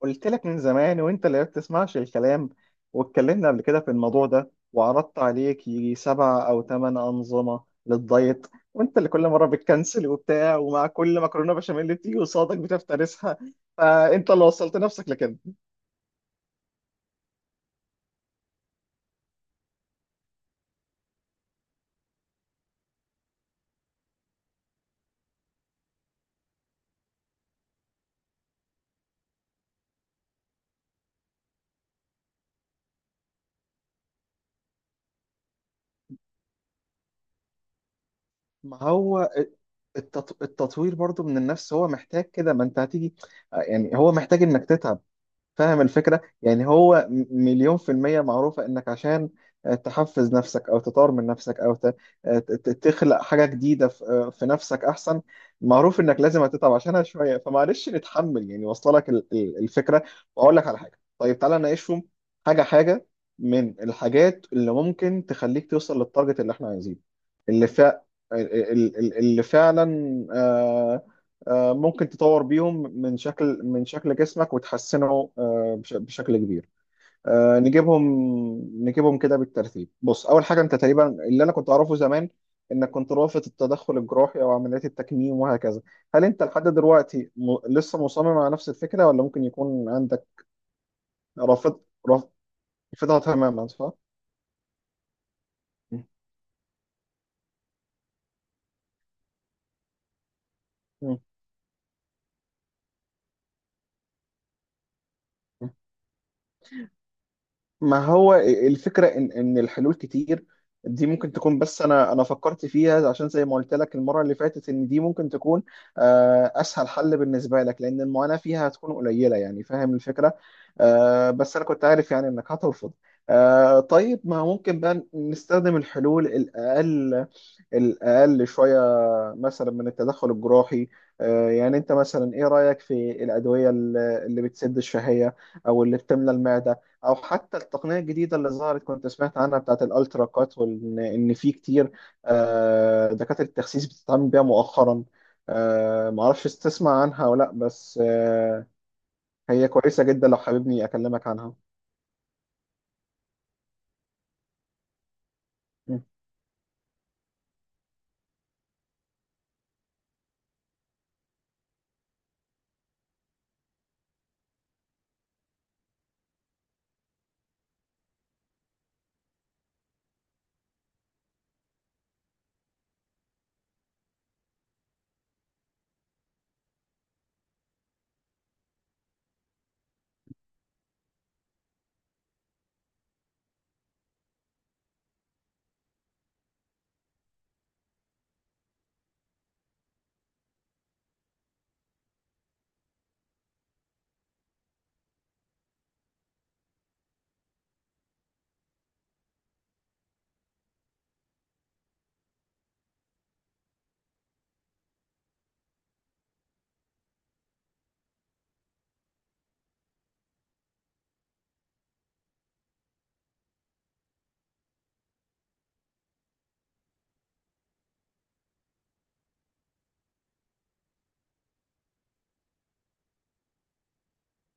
قلت لك من زمان وانت اللي ما بتسمعش الكلام. واتكلمنا قبل كده في الموضوع ده وعرضت عليك يجي 7 او 8 انظمه للدايت، وانت اللي كل مره بتكنسل وبتاع، ومع كل مكرونه بشاميل اللي بتيجي قصادك بتفترسها، فانت اللي وصلت نفسك لكده. ما هو التطوير برضو من النفس، هو محتاج كده، ما انت هتيجي يعني، هو محتاج انك تتعب، فاهم الفكرة؟ يعني هو مليون في المية معروفة، انك عشان تحفز نفسك او تطور من نفسك او تخلق حاجة جديدة في نفسك احسن. معروف انك لازم هتتعب عشانها شوية، فمعلش نتحمل، يعني واصله لك الفكرة. واقول لك على حاجة، طيب تعالى نناقشهم حاجة حاجة، من الحاجات اللي ممكن تخليك توصل للتارجت اللي احنا عايزينه، اللي فا ال- ال- ال- اللي فعلا ممكن تطور بيهم من شكل من شكل جسمك وتحسنه بشكل كبير. نجيبهم، نجيبهم كده بالترتيب. بص، اول حاجه، انت تقريبا اللي انا كنت اعرفه زمان انك كنت رافض التدخل الجراحي او عمليات التكميم وهكذا. هل انت لحد دلوقتي لسه مصمم على نفس الفكره، ولا ممكن يكون عندك؟ رافض، رافضها تماما، صح؟ م- م- ما هو الفكرة إن الحلول كتير، دي ممكن تكون، بس أنا فكرت فيها عشان زي ما قلت لك المرة اللي فاتت إن دي ممكن تكون أسهل حل بالنسبة لك، لأن المعاناة فيها هتكون قليلة، يعني فاهم الفكرة. بس أنا كنت عارف يعني إنك هترفض. طيب، ما ممكن بقى نستخدم الحلول الأقل، الأقل شوية، مثلا من التدخل الجراحي. يعني انت مثلا ايه رأيك في الأدوية اللي بتسد الشهية، او اللي بتملى المعدة، او حتى التقنية الجديدة اللي ظهرت كنت سمعت عنها بتاعت الالترا كات، وان في كتير دكاترة التخسيس بتتعامل بيها مؤخرا. معرفش تسمع عنها ولا لا، بس هي كويسة جدا لو حاببني اكلمك عنها.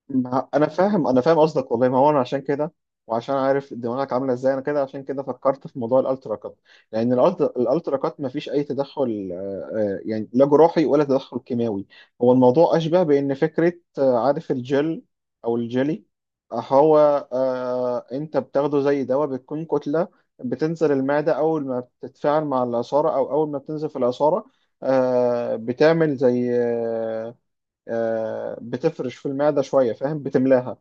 ما انا فاهم، انا فاهم قصدك والله، ما هو انا عشان كده، وعشان عارف دماغك عامله ازاي انا كده، عشان كده فكرت في موضوع الالترا كات، لان الألترا كات ما فيش اي تدخل، يعني لا جراحي ولا تدخل كيماوي. هو الموضوع اشبه بان فكره، عارف الجل او الجلي. هو انت بتاخده زي دواء، بتكون كتله بتنزل المعده، اول ما بتتفاعل مع العصاره او اول ما بتنزل في العصاره بتعمل زي بتفرش في المعدة شوية، فاهم، بتملاها.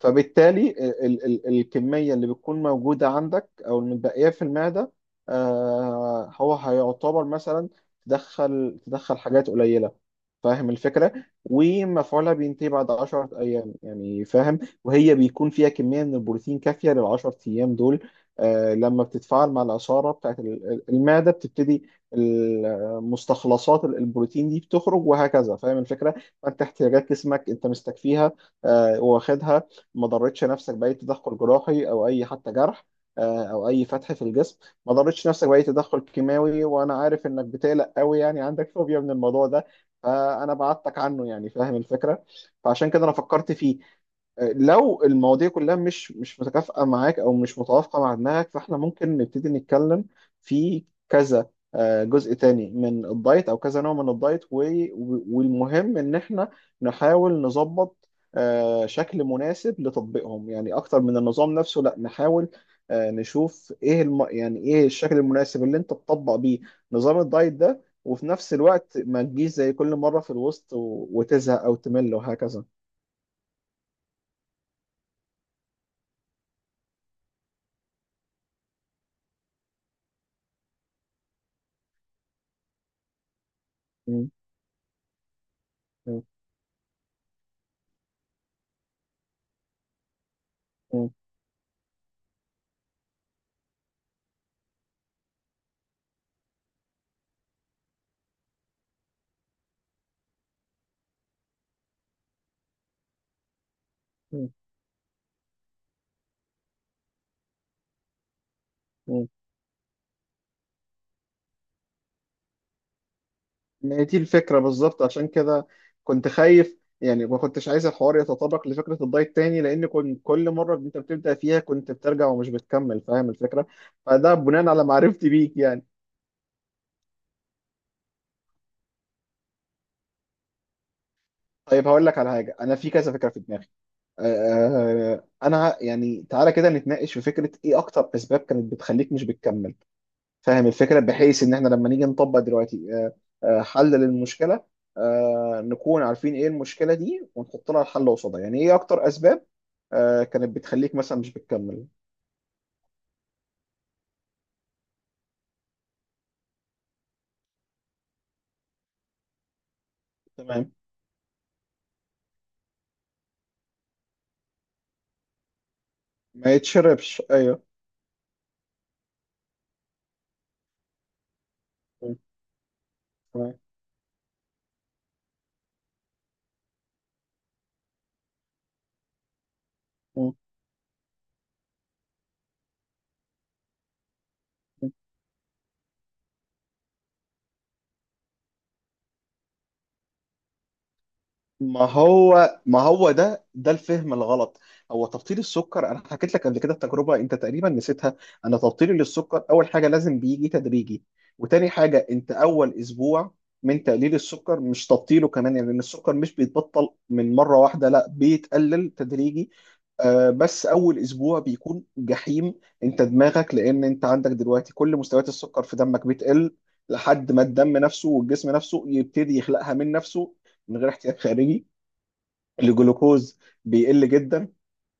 فبالتالي ال ال الكمية اللي بتكون موجودة عندك أو المتبقية في المعدة، هو هيعتبر مثلا تدخل حاجات قليلة، فاهم الفكرة. ومفعولها بينتهي بعد 10 أيام يعني، فاهم، وهي بيكون فيها كمية من البروتين كافية لل 10 أيام دول. لما بتتفاعل مع العصارة بتاعت المعدة، بتبتدي المستخلصات البروتين دي بتخرج، وهكذا فاهم الفكرة. فأنت احتياجات جسمك أنت مستكفيها، واخدها، ما ضرتش نفسك باي تدخل جراحي او اي حتى جرح، او اي فتح في الجسم، ما ضرتش نفسك باي تدخل كيماوي، وانا عارف انك بتقلق قوي، يعني عندك فوبيا من الموضوع ده، فانا بعدتك عنه، يعني فاهم الفكره، فعشان كده انا فكرت فيه. لو المواضيع كلها مش متكافئة معاك أو مش متوافقة مع دماغك، فإحنا ممكن نبتدي نتكلم في كذا جزء تاني من الدايت أو كذا نوع من الدايت، والمهم إن إحنا نحاول نظبط شكل مناسب لتطبيقهم، يعني اكتر من النظام نفسه، لا نحاول نشوف ايه يعني ايه الشكل المناسب اللي انت تطبق بيه نظام الدايت ده، وفي نفس الوقت ما تجيش زي كل مرة في الوسط وتزهق او تمل وهكذا. م- م- م- م- م. ما هي دي الفكرة بالظبط، عشان كده كنت خايف، يعني ما كنتش عايز الحوار يتطرق لفكرة الدايت تاني، لأن كنت كل مرة أنت بتبدأ فيها كنت بترجع ومش بتكمل، فاهم الفكرة؟ فده بناء على معرفتي بيك يعني. طيب هقول لك على حاجة، أنا في كذا فكرة في دماغي. آه، أنا يعني تعالى كده نتناقش في فكرة، إيه أكتر أسباب كانت بتخليك مش بتكمل، فاهم الفكرة، بحيث إن إحنا لما نيجي نطبق دلوقتي حل للمشكلة، نكون عارفين إيه المشكلة دي، ونحط لها الحل قصادها. يعني إيه أكتر أسباب كانت بتخليك مثلا مش بتكمل. تمام، ما يتشربش، أيوه. م. تمام. م. ما هو، ما هو ده الفهم الغلط. هو تبطيل السكر انا حكيت لك قبل كده التجربه، انت تقريبا نسيتها. انا تبطيلي للسكر، اول حاجه لازم بيجي تدريجي، وتاني حاجه انت اول اسبوع من تقليل السكر مش تبطيله كمان، يعني لان السكر مش بيتبطل من مره واحده، لا بيتقلل تدريجي. بس اول اسبوع بيكون جحيم، انت دماغك، لان انت عندك دلوقتي كل مستويات السكر في دمك بتقل، لحد ما الدم نفسه والجسم نفسه يبتدي يخلقها من نفسه، من غير احتياج خارجي. الجلوكوز بيقل جدا.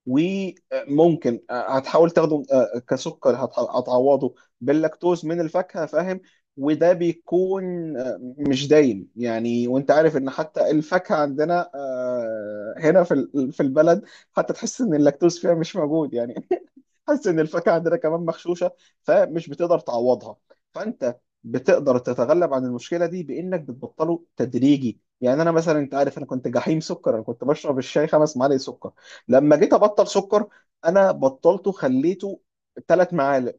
وممكن هتحاول تاخده كسكر، هتعوضه باللاكتوز من الفاكهة، فاهم. وده بيكون مش دايم يعني، وانت عارف ان حتى الفاكهة عندنا هنا في في البلد، حتى تحس ان اللاكتوز فيها مش موجود يعني. حاسس ان الفاكهه عندنا كمان مغشوشه، فمش بتقدر تعوضها. فانت بتقدر تتغلب عن المشكله دي بانك بتبطله تدريجي. يعني انا مثلا، انت عارف انا كنت جحيم سكر، انا كنت بشرب الشاي 5 معالق سكر. لما جيت ابطل سكر، انا بطلته، خليته 3 معالق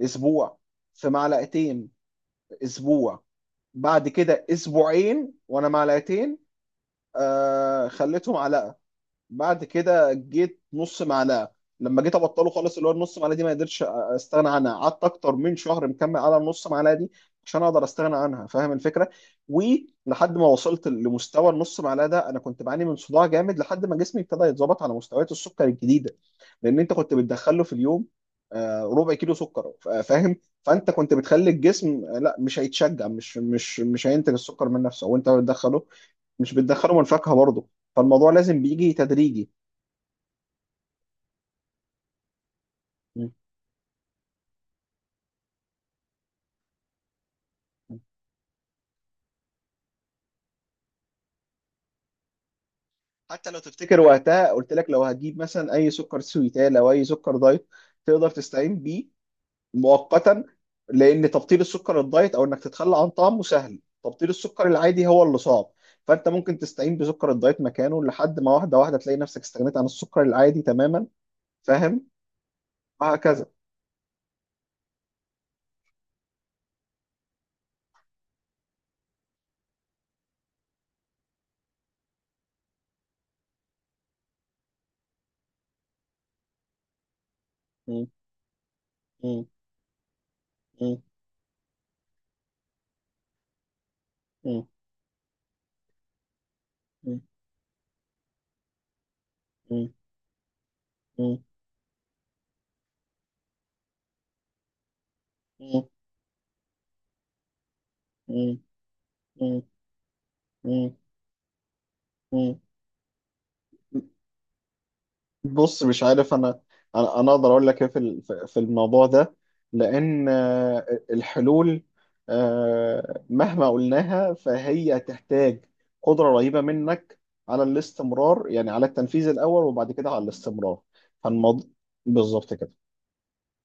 اسبوع، في معلقتين اسبوع، بعد كده اسبوعين وانا معلقتين، خليتهم على، بعد كده جيت نص معلقه. لما جيت ابطله خالص اللي هو النص معلقه دي ما قدرتش استغنى عنها، قعدت اكتر من شهر مكمل على النص معلقه دي عشان اقدر استغنى عنها، فاهم الفكره. ولحد ما وصلت لمستوى النص معلقه ده انا كنت بعاني من صداع جامد، لحد ما جسمي ابتدى يتظبط على مستويات السكر الجديده. لان انت كنت بتدخله في اليوم ربع كيلو سكر، فاهم. فانت كنت بتخلي الجسم لا، مش هيتشجع مش مش مش هينتج السكر من نفسه وانت بتدخله، مش بتدخله من فاكهه برضه. فالموضوع لازم بيجي تدريجي. مم. حتى لو تفتكر وقتها قلت لك لو هتجيب مثلا اي سكر سويتال او اي سكر دايت تقدر تستعين بيه مؤقتا، لان تبطيل السكر الدايت او انك تتخلى عن طعمه سهل، تبطيل السكر العادي هو اللي صعب. فانت ممكن تستعين بسكر الدايت مكانه لحد ما، واحده واحده تلاقي نفسك استغنيت عن السكر العادي تماما، فاهم. وهكذا. مم. مم. مم. مم. مم. مم. مم. مم. مم. مم. بص، مش عارف. انا انا أنا اقدر اقول لك ايه في في الموضوع ده، لان الحلول مهما قلناها فهي تحتاج قدرة رهيبة منك على الاستمرار، يعني على التنفيذ الاول وبعد كده على الاستمرار. فالموضوع بالظبط كده.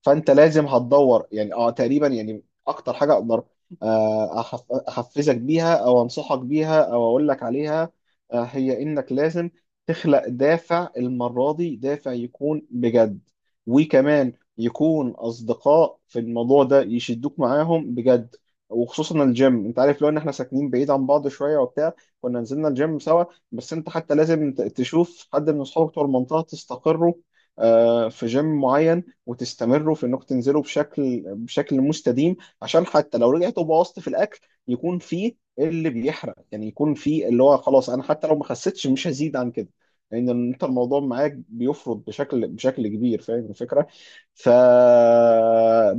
فانت لازم هتدور، يعني اه تقريبا، يعني اكتر حاجه اقدر احفزك بيها او انصحك بيها او اقول لك عليها، هي انك لازم تخلق دافع المره دي، دافع يكون بجد، وكمان يكون اصدقاء في الموضوع ده يشدوك معاهم بجد. وخصوصا الجيم، انت عارف لو ان احنا ساكنين بعيد عن بعض شويه وبتاع كنا نزلنا الجيم سوا، بس انت حتى لازم تشوف حد من اصحابك بتوع المنطقه تستقروا في جيم معين، وتستمروا في انكم تنزلوا بشكل مستديم، عشان حتى لو رجعتوا بوظت في الاكل يكون فيه اللي بيحرق، يعني يكون فيه اللي هو خلاص انا حتى لو ما خسيتش مش هزيد عن كده، لان يعني انت الموضوع معاك بيفرض بشكل كبير، فاهم الفكره. ف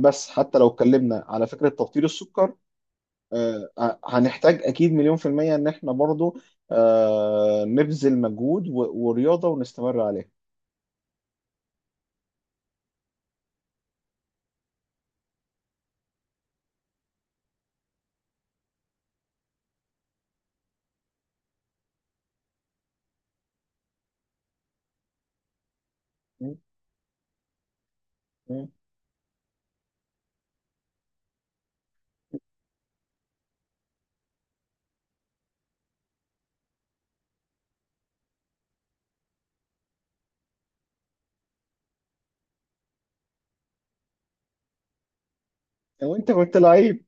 بس حتى لو اتكلمنا على فكره تبطيل السكر آه، هنحتاج اكيد مليون في الميه ان احنا برضو نبذل مجهود ورياضه ونستمر عليها. م- م. وانت كنت لعيب.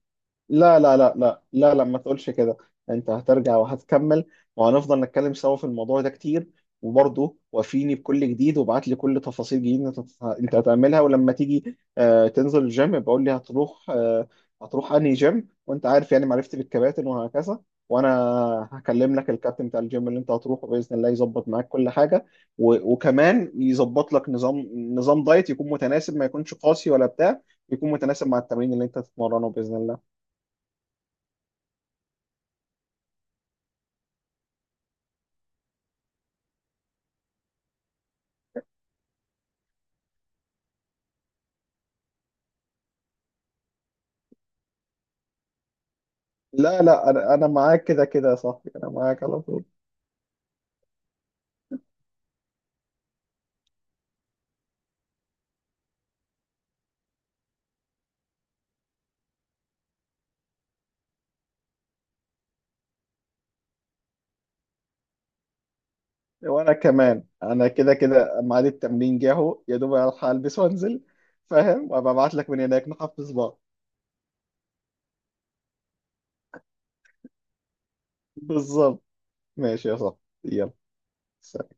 لا لا لا لا لا لا، ما تقولش كده، انت هترجع وهتكمل، وهنفضل نتكلم سوا في الموضوع ده كتير. وبرضه وافيني بكل جديد، وابعت لي كل تفاصيل جديدة انت هتعملها، ولما تيجي تنزل الجيم بقول لي هتروح هتروح انهي جيم، وانت عارف يعني معرفتي بالكباتن وهكذا. وانا هكلم لك الكابتن بتاع الجيم اللي انت هتروحه باذن الله يظبط معاك كل حاجه، وكمان يظبط لك نظام دايت يكون متناسب، ما يكونش قاسي ولا بتاع، يكون متناسب مع التمرين اللي انت تتمرنه باذن الله. لا لا، انا معاك كده كده يا صاحبي، انا معاك على طول. وانا كمان انا كده كده ميعاد التمرين جه اهو، يا دوب الحق البس وانزل، فاهم، وابقى ابعت لك من هناك نحفز بعض. بالظبط. ماشي يا صاحبي. يلا، سلام.